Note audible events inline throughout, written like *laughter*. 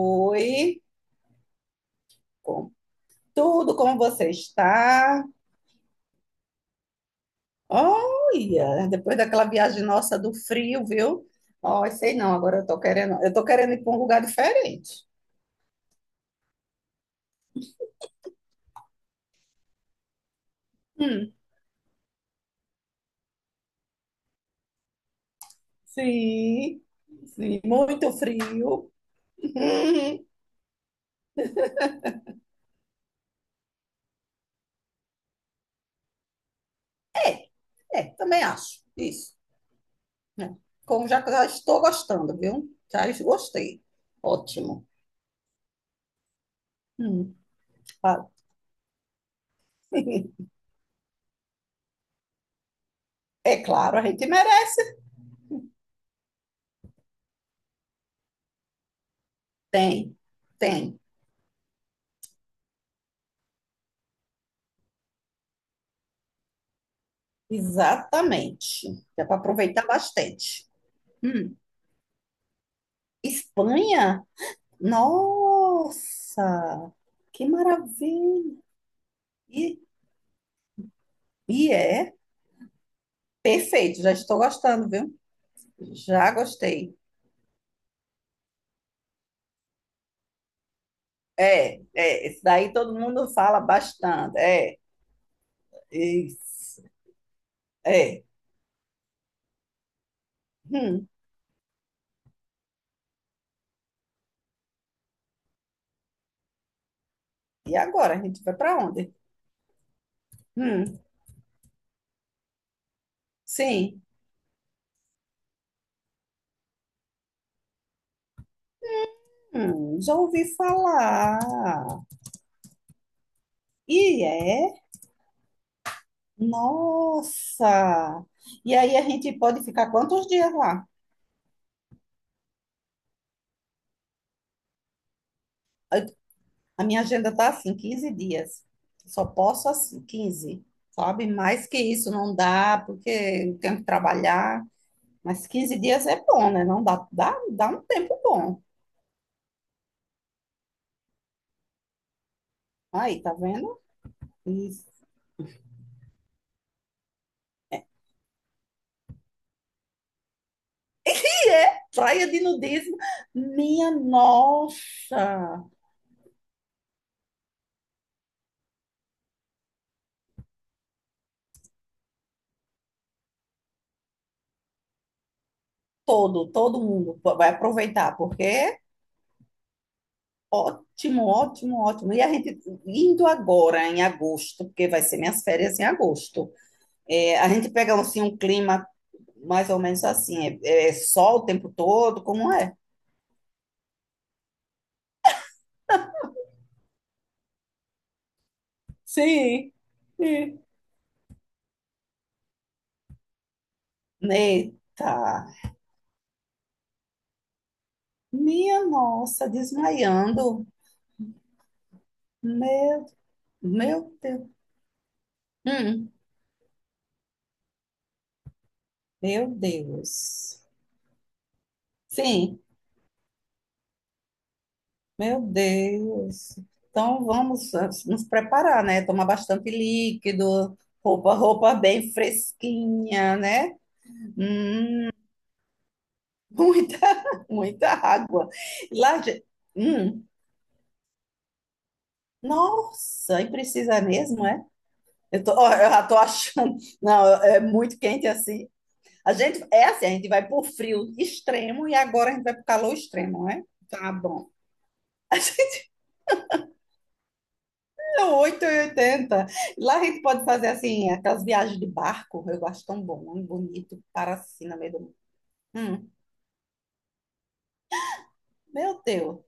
Oi, com tudo, como você está? Olha, depois daquela viagem nossa do frio, viu? Ó, sei não, agora eu tô querendo ir para um lugar diferente. Hum, sim, sim, muito frio. *laughs* Hum, é, é, também acho, isso. É. Como já, já estou gostando, viu? Já gostei. Ótimo. Hum, ah, *laughs* é claro, a gente merece. Tem, tem. Exatamente. Dá para aproveitar bastante. Hum. Espanha? Nossa, que maravilha! E, e é perfeito, já estou gostando, viu? Já gostei. É, esse daí todo mundo fala bastante. É, isso. É. Hum. E agora? A gente vai para onde? Hum. Sim. Já ouvi falar. E é. Nossa! E aí a gente pode ficar quantos dias lá? A minha agenda tá assim, 15 dias. Só posso assim, 15, sabe? Mais que isso não dá, porque eu tenho que trabalhar. Mas 15 dias é bom, né? Não dá, dá um tempo bom. Aí, tá vendo? Isso. E é praia de nudismo, minha nossa! Todo mundo vai aproveitar, porque ótimo, ótimo, ótimo. E a gente indo agora em agosto, porque vai ser minhas férias em agosto. É, a gente pega assim, um clima mais ou menos assim, é, sol o tempo todo, como é? Sim, sim. Eita, minha nossa, desmaiando. Meu, meu Deus. Hum, meu Deus. Sim. Meu Deus. Então vamos nos preparar, né? Tomar bastante líquido, roupa, roupa bem fresquinha, né? Hum, muita, *laughs* muita água. E lá, hum, nossa, e precisa mesmo, é? Eu tô, ó, eu já tô achando. *laughs* Não, é muito quente assim. A gente, é assim, a gente vai pro frio extremo e agora a gente vai pro calor extremo, né? Tá bom. Então, oito e oitenta. Lá a gente pode fazer assim, aquelas viagens de barco. Eu acho tão bom, um bonito, para assim no meio do mundo. Hum, meu Deus.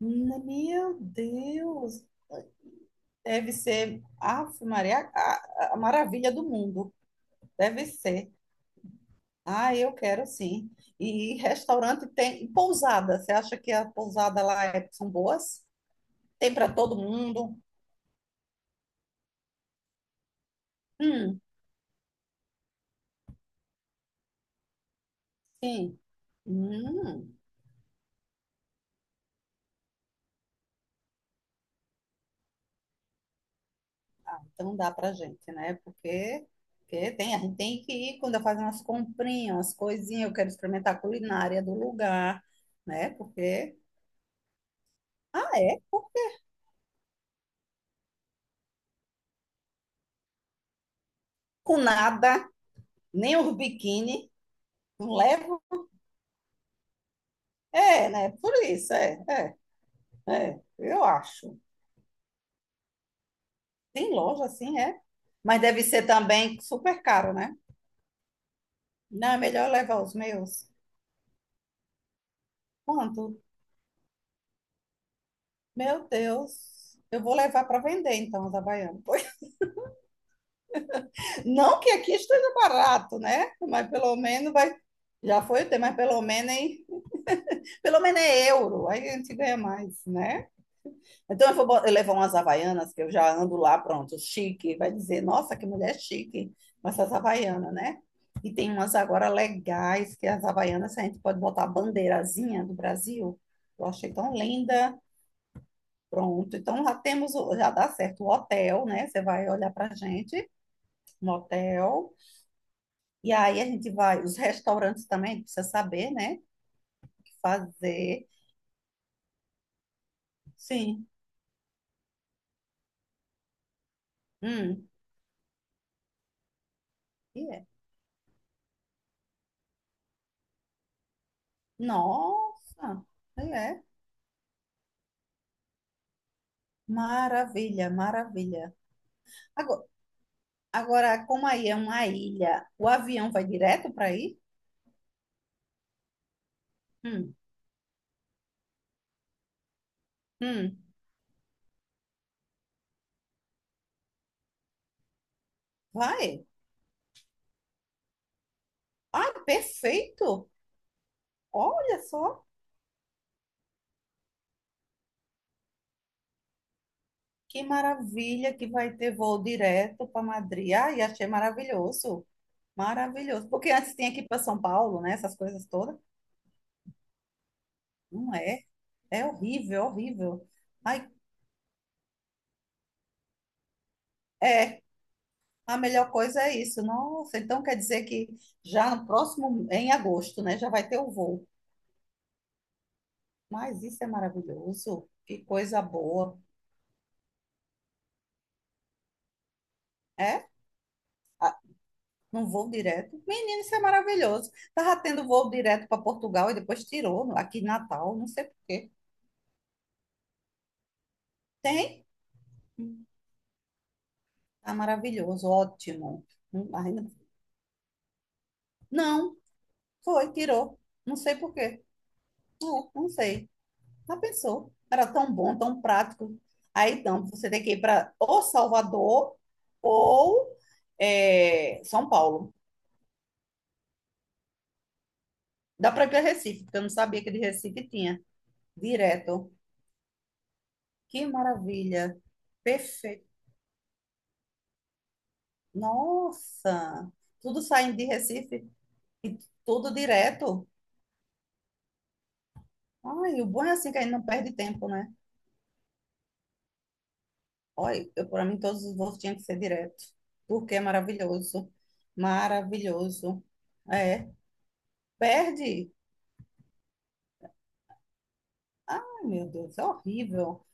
Meu Deus. Deve ser, Ave Maria, a maravilha do mundo. Deve ser. Ah, eu quero sim. E restaurante tem, e pousada. Você acha que a pousada lá é- são boas? Tem para todo mundo? Hum, sim. Hum. Ah, então dá pra gente, né? Porque, porque tem, a gente tem que ir quando eu fazer umas comprinhas, umas coisinhas, eu quero experimentar a culinária do lugar, né? Porque, ah, é, porque com nada, nem os biquíni, não levo. É, né? Por isso, eu acho. Tem loja assim, é. Mas deve ser também super caro, né? Não, é melhor eu levar os meus. Quanto? Meu Deus, eu vou levar para vender então os havaianos. Não que aqui esteja barato, né? Mas pelo menos vai. Já foi o tempo, mas pelo menos, pelo menos é euro, aí a gente ganha mais, né? Então eu vou bo- eu levar umas havaianas, que eu já ando lá, pronto, chique. Vai dizer, nossa, que mulher chique, com essas havaianas, né? E tem umas agora legais, que as havaianas a gente pode botar a bandeirazinha do Brasil. Eu achei tão linda. Pronto, então já temos, já dá certo o hotel, né? Você vai olhar pra gente no hotel. E aí a gente vai, os restaurantes também, a gente precisa saber, né? O que fazer. Sim. Hum. E é. Nossa! E é. Maravilha, maravilha. Agora, como aí é uma ilha, o avião vai direto para aí? Hum. Hum. Vai. Ai, perfeito! Olha só que maravilha que vai ter voo direto para Madrid. Ai, achei maravilhoso. Maravilhoso. Porque antes tinha que ir para São Paulo, né? Essas coisas todas. Não é? É horrível, é horrível. Ai, é, a melhor coisa é isso. Nossa, então quer dizer que já no próximo, em agosto, né, já vai ter o voo. Mas isso é maravilhoso. Que coisa boa. É? Um voo direto. Menino, isso é maravilhoso. Tava tendo voo direto para Portugal e depois tirou aqui em Natal, não sei por quê. Tem? Tá maravilhoso, ótimo. Hum, ainda- Não, foi, tirou. Não sei por quê. Não, não sei. Já pensou? Era tão bom, tão prático. Aí então você tem que ir para ou Salvador ou é, São Paulo. Dá para ir para Recife, porque eu não sabia que de Recife tinha. Direto. Que maravilha. Perfeito. Nossa! Tudo saindo de Recife e tudo direto. Ai, o bom é assim que a gente não perde tempo, né? Olha, eu, para mim todos os voos tinham que ser direto, porque é maravilhoso. Maravilhoso. É, perde. Ai, meu Deus, é horrível.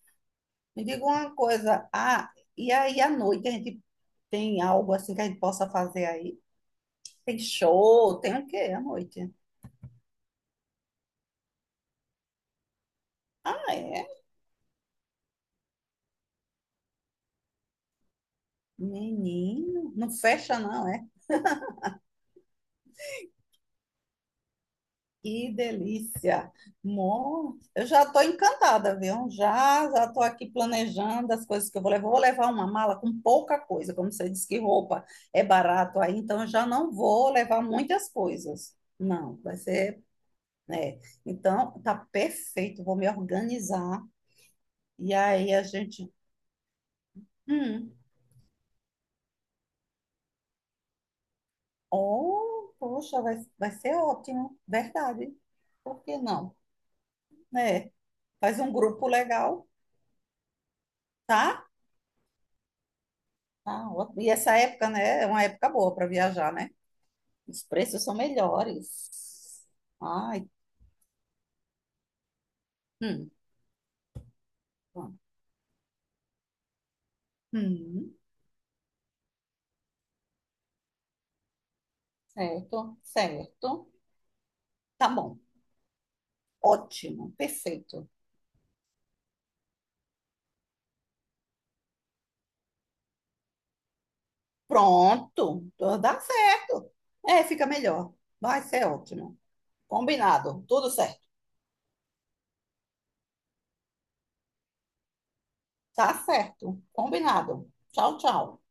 Me diga uma coisa. Ah, e aí à noite a gente tem algo assim que a gente possa fazer aí? Tem show, tem o quê à noite? Ah, é? Menino, não fecha não, é? Que delícia. Mó, eu já estou encantada, viu? Já, já estou aqui planejando as coisas que eu vou levar. Vou levar uma mala com pouca coisa, como você disse que roupa é barato aí, então eu já não vou levar muitas coisas. Não, vai ser né? Então, tá perfeito, vou me organizar. E aí a gente, hum, oh, poxa, vai, vai ser ótimo, verdade. Por que não? Né? Faz um grupo legal, tá? Tá ótimo. E essa época, né, é uma época boa para viajar, né? Os preços são melhores. Ai, hum, hum, certo, certo. Tá bom, ótimo, perfeito. Pronto, então dá certo. É, fica melhor. Vai ser ótimo. Combinado. Tudo certo. Tá certo. Combinado. Tchau, tchau.